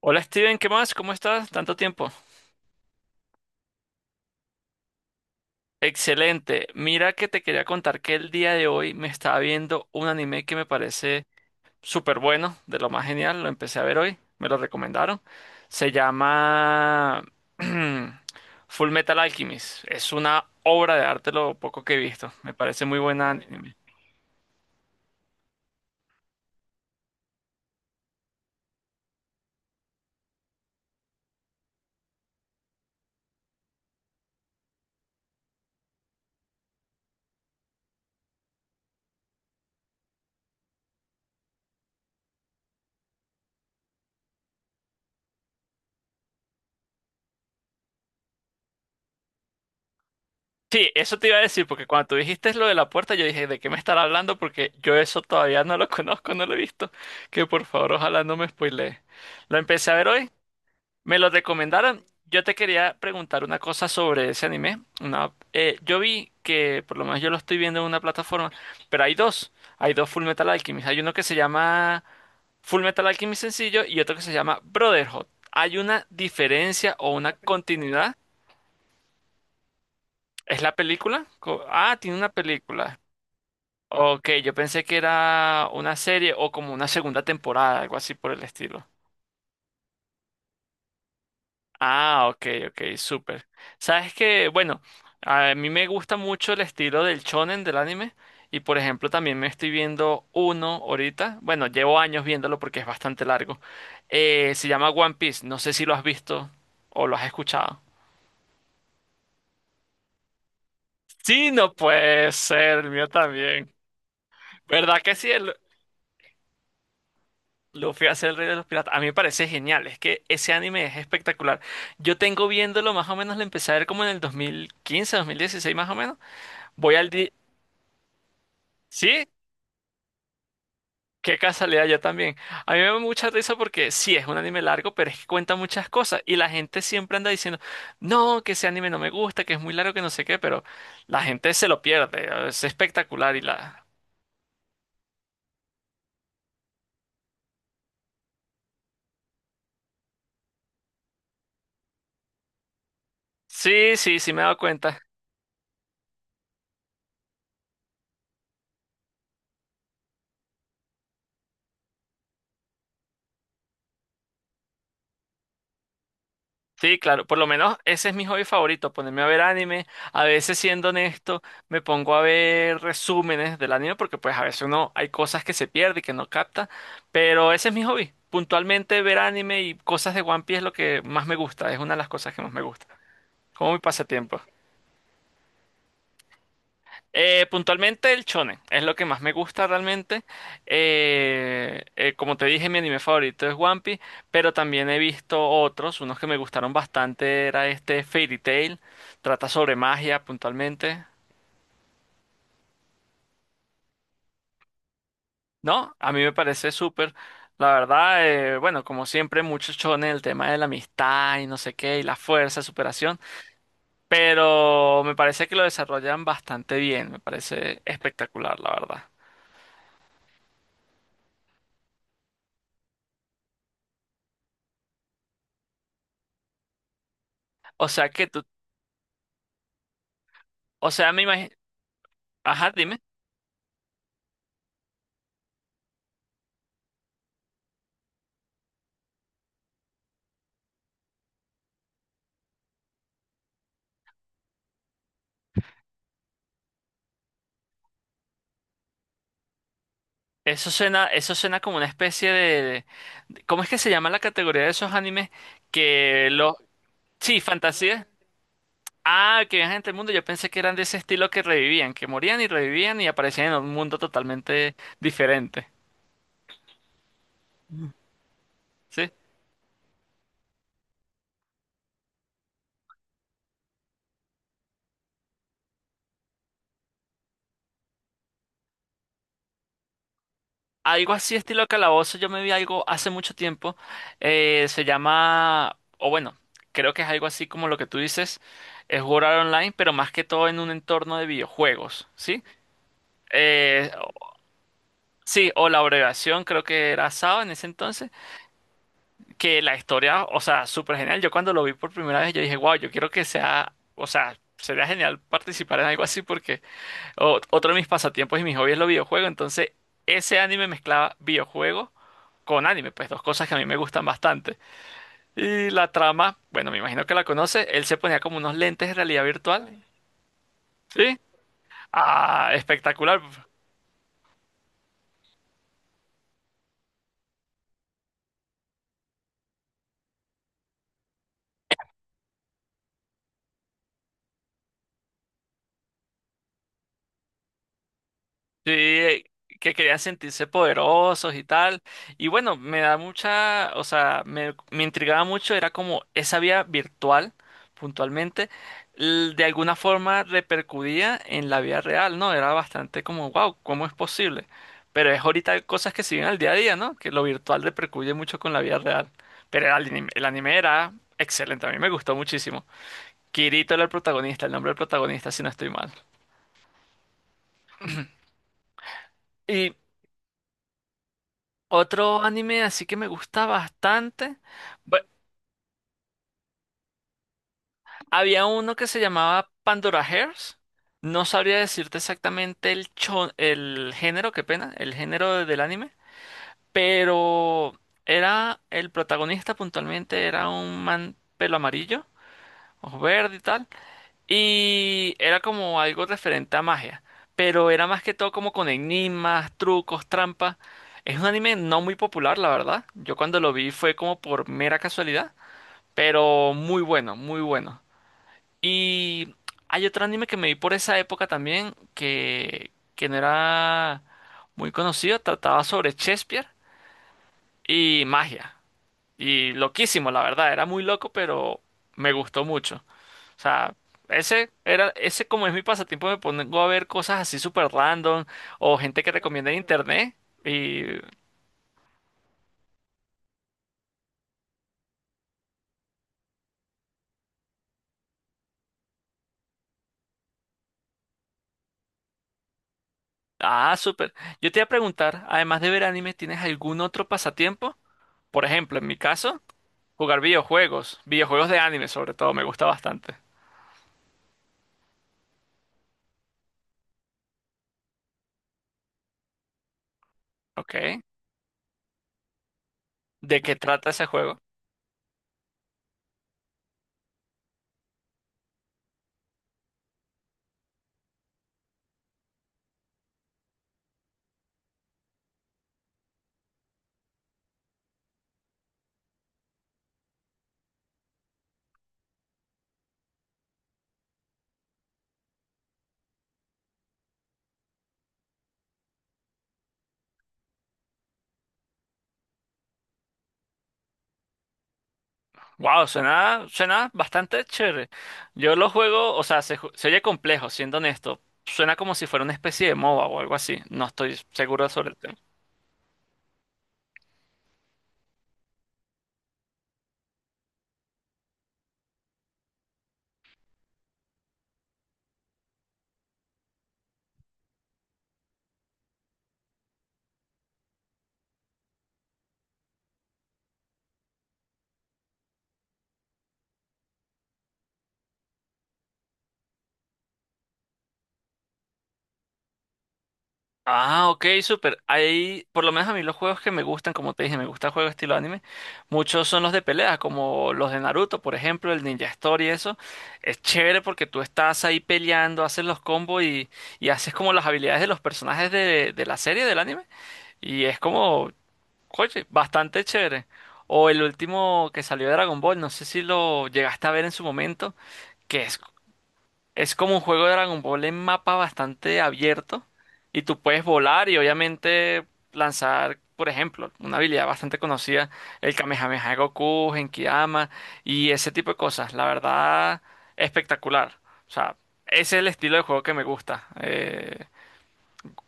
Hola Steven, ¿qué más? ¿Cómo estás? Tanto tiempo. Excelente. Mira que te quería contar que el día de hoy me estaba viendo un anime que me parece súper bueno, de lo más genial. Lo empecé a ver hoy, me lo recomendaron. Se llama Full Metal Alchemist. Es una obra de arte lo poco que he visto. Me parece muy buena anime. Sí, eso te iba a decir, porque cuando tú dijiste lo de la puerta, yo dije, ¿de qué me estará hablando? Porque yo eso todavía no lo conozco, no lo he visto. Que por favor, ojalá no me spoilee. Lo empecé a ver hoy, me lo recomendaron. Yo te quería preguntar una cosa sobre ese anime. Una, yo vi que, por lo menos yo lo estoy viendo en una plataforma, pero hay dos. Hay dos Full Metal Alchemist. Hay uno que se llama Full Metal Alchemist sencillo y otro que se llama Brotherhood. ¿Hay una diferencia o una continuidad? ¿Es la película? Ah, tiene una película. Ok, yo pensé que era una serie o como una segunda temporada, algo así por el estilo. Ah, ok, ok, súper. Sabes que, bueno, a mí me gusta mucho el estilo del shonen del anime y por ejemplo también me estoy viendo uno ahorita, bueno, llevo años viéndolo porque es bastante largo. Se llama One Piece, no sé si lo has visto o lo has escuchado. Sí, no puede ser, el mío también. ¿Verdad que sí? El Luffy hace el rey de los piratas. A mí me parece genial, es que ese anime es espectacular. Yo tengo viéndolo más o menos, lo empecé a ver como en el 2015, 2016, más o menos. Voy al, di- Sí, qué casualidad, yo también. A mí me da mucha risa porque sí, es un anime largo, pero es que cuenta muchas cosas. Y la gente siempre anda diciendo, no, que ese anime no me gusta, que es muy largo, que no sé qué, pero la gente se lo pierde. Es espectacular y la... Sí, sí, sí me he dado cuenta. Sí, claro, por lo menos ese es mi hobby favorito, ponerme a ver anime. A veces, siendo honesto, me pongo a ver resúmenes del anime porque pues a veces uno hay cosas que se pierde y que no capta, pero ese es mi hobby. Puntualmente ver anime y cosas de One Piece es lo que más me gusta, es una de las cosas que más me gusta, como mi pasatiempo. Puntualmente el shonen es lo que más me gusta realmente. Como te dije, mi anime favorito es One Piece, pero también he visto otros. Unos que me gustaron bastante era este Fairy Tail. Trata sobre magia puntualmente. ¿No? A mí me parece súper. La verdad, bueno, como siempre, muchos shonen, el tema de la amistad y no sé qué, y la fuerza, superación. Pero me parece que lo desarrollan bastante bien. Me parece espectacular, la verdad. O sea que tú, o sea, me imagino. Ajá, dime. Eso suena como una especie de, ¿cómo es que se llama la categoría de esos animes? Que los... Sí, fantasía. Ah, que viajan entre el mundo. Yo pensé que eran de ese estilo que revivían, que morían y revivían y aparecían en un mundo totalmente diferente. ¿Sí? Algo así, estilo calabozo. Yo me vi algo hace mucho tiempo. Se llama... O bueno, creo que es algo así como lo que tú dices. Es jugar online, pero más que todo en un entorno de videojuegos. ¿Sí? Eh, Sí, o la abreviación, creo que era SAO en ese entonces, que la historia, o sea, súper genial. Yo cuando lo vi por primera vez, yo dije, wow, yo quiero que sea, o sea, sería genial participar en algo así porque otro de mis pasatiempos y mis hobbies es los videojuegos. Entonces, ese anime mezclaba videojuegos con anime, pues dos cosas que a mí me gustan bastante. Y la trama, bueno, me imagino que la conoce, él se ponía como unos lentes de realidad virtual, ¿sí? Ah, espectacular. Sí, que querían sentirse poderosos y tal. Y bueno, me da mucha, o sea, me intrigaba mucho, era como esa vía virtual, puntualmente, de alguna forma repercutía en la vida real, ¿no? Era bastante como, wow, ¿cómo es posible? Pero es ahorita cosas que se viven al día a día, ¿no? Que lo virtual repercute mucho con la vida real. Pero el anime era excelente, a mí me gustó muchísimo. Kirito era el protagonista, el nombre del protagonista, si no estoy mal. Y otro anime así que me gusta bastante. bu- Había uno que se llamaba Pandora Hearts. No sabría decirte exactamente el, el género, qué pena, el género del anime. Pero era el protagonista puntualmente, era un man pelo amarillo, ojos verde y tal. Y era como algo referente a magia. Pero era más que todo como con enigmas, trucos, trampas. Es un anime no muy popular, la verdad. Yo cuando lo vi fue como por mera casualidad. Pero muy bueno, muy bueno. Y hay otro anime que me vi por esa época también, que no era muy conocido, trataba sobre Shakespeare y magia. Y loquísimo, la verdad, era muy loco, pero me gustó mucho. O sea, ese era, ese como es mi pasatiempo, me pongo a ver cosas así súper random o gente que recomienda en internet. Y, ah, súper. Yo te iba a preguntar, además de ver anime, ¿tienes algún otro pasatiempo? Por ejemplo, en mi caso. Jugar videojuegos, videojuegos de anime sobre todo, me gusta bastante. Ok. ¿De qué trata ese juego? Wow, suena, suena bastante chévere. Yo lo juego, o sea, se oye complejo, siendo honesto. Suena como si fuera una especie de MOBA o algo así. No estoy seguro sobre el tema. Ah, ok, súper. Hay, por lo menos a mí los juegos que me gustan, como te dije, me gusta juegos estilo anime. Muchos son los de peleas, como los de Naruto, por ejemplo, el Ninja Story, eso. Es chévere porque tú estás ahí peleando, haces los combos y haces como las habilidades de los personajes de la serie, del anime. Y es como, oye, bastante chévere. O el último que salió de Dragon Ball, no sé si lo llegaste a ver en su momento, que es como un juego de Dragon Ball en mapa bastante abierto y tú puedes volar y obviamente lanzar, por ejemplo, una habilidad bastante conocida, el Kamehameha de Goku, Genkidama y ese tipo de cosas. La verdad, espectacular. O sea, ese es el estilo de juego que me gusta.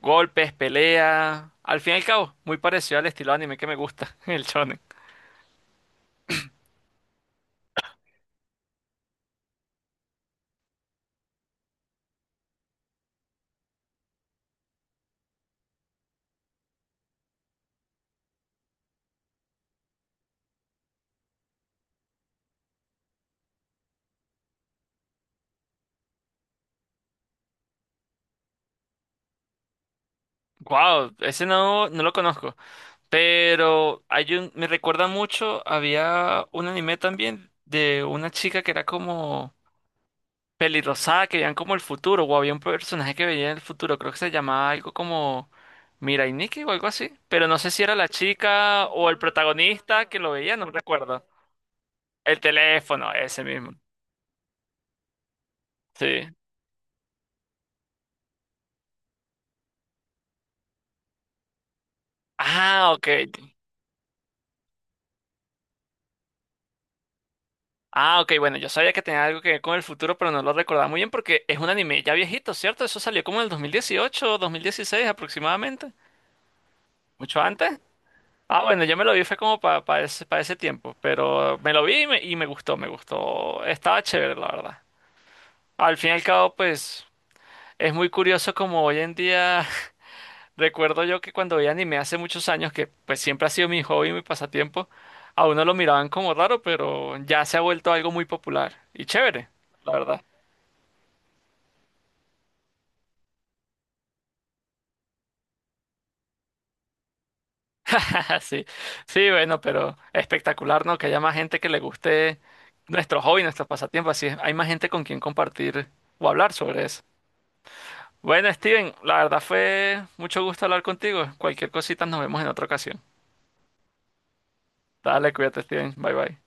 Golpes, pelea, al fin y al cabo, muy parecido al estilo anime que me gusta, el shonen. Wow, ese no, no lo conozco. Pero hay un, me recuerda mucho, había un anime también de una chica que era como pelirrosada, que veían como el futuro, o había un personaje que veía el futuro, creo que se llamaba algo como Mirai Nikki o algo así, pero no sé si era la chica o el protagonista que lo veía, no recuerdo. El teléfono, ese mismo. Sí. Ah, ok. Ah, ok, bueno, yo sabía que tenía algo que ver con el futuro, pero no lo recordaba muy bien porque es un anime ya viejito, ¿cierto? Eso salió como en el 2018 o 2016 aproximadamente. ¿Mucho antes? Ah, bueno, yo me lo vi, fue como para ese, pa ese tiempo, pero me lo vi y y me gustó, me gustó. Estaba chévere, la verdad. Al fin y al cabo, pues es muy curioso como hoy en día, recuerdo yo que cuando veía anime hace muchos años, que pues siempre ha sido mi hobby, mi pasatiempo, a uno lo miraban como raro, pero ya se ha vuelto algo muy popular y chévere, la verdad. Sí, sí, bueno, pero espectacular, ¿no? Que haya más gente que le guste nuestro hobby, nuestros pasatiempos, así es, hay más gente con quien compartir o hablar sobre eso. Bueno, Steven, la verdad fue mucho gusto hablar contigo. Cualquier cosita nos vemos en otra ocasión. Dale, cuídate, Steven. Bye bye.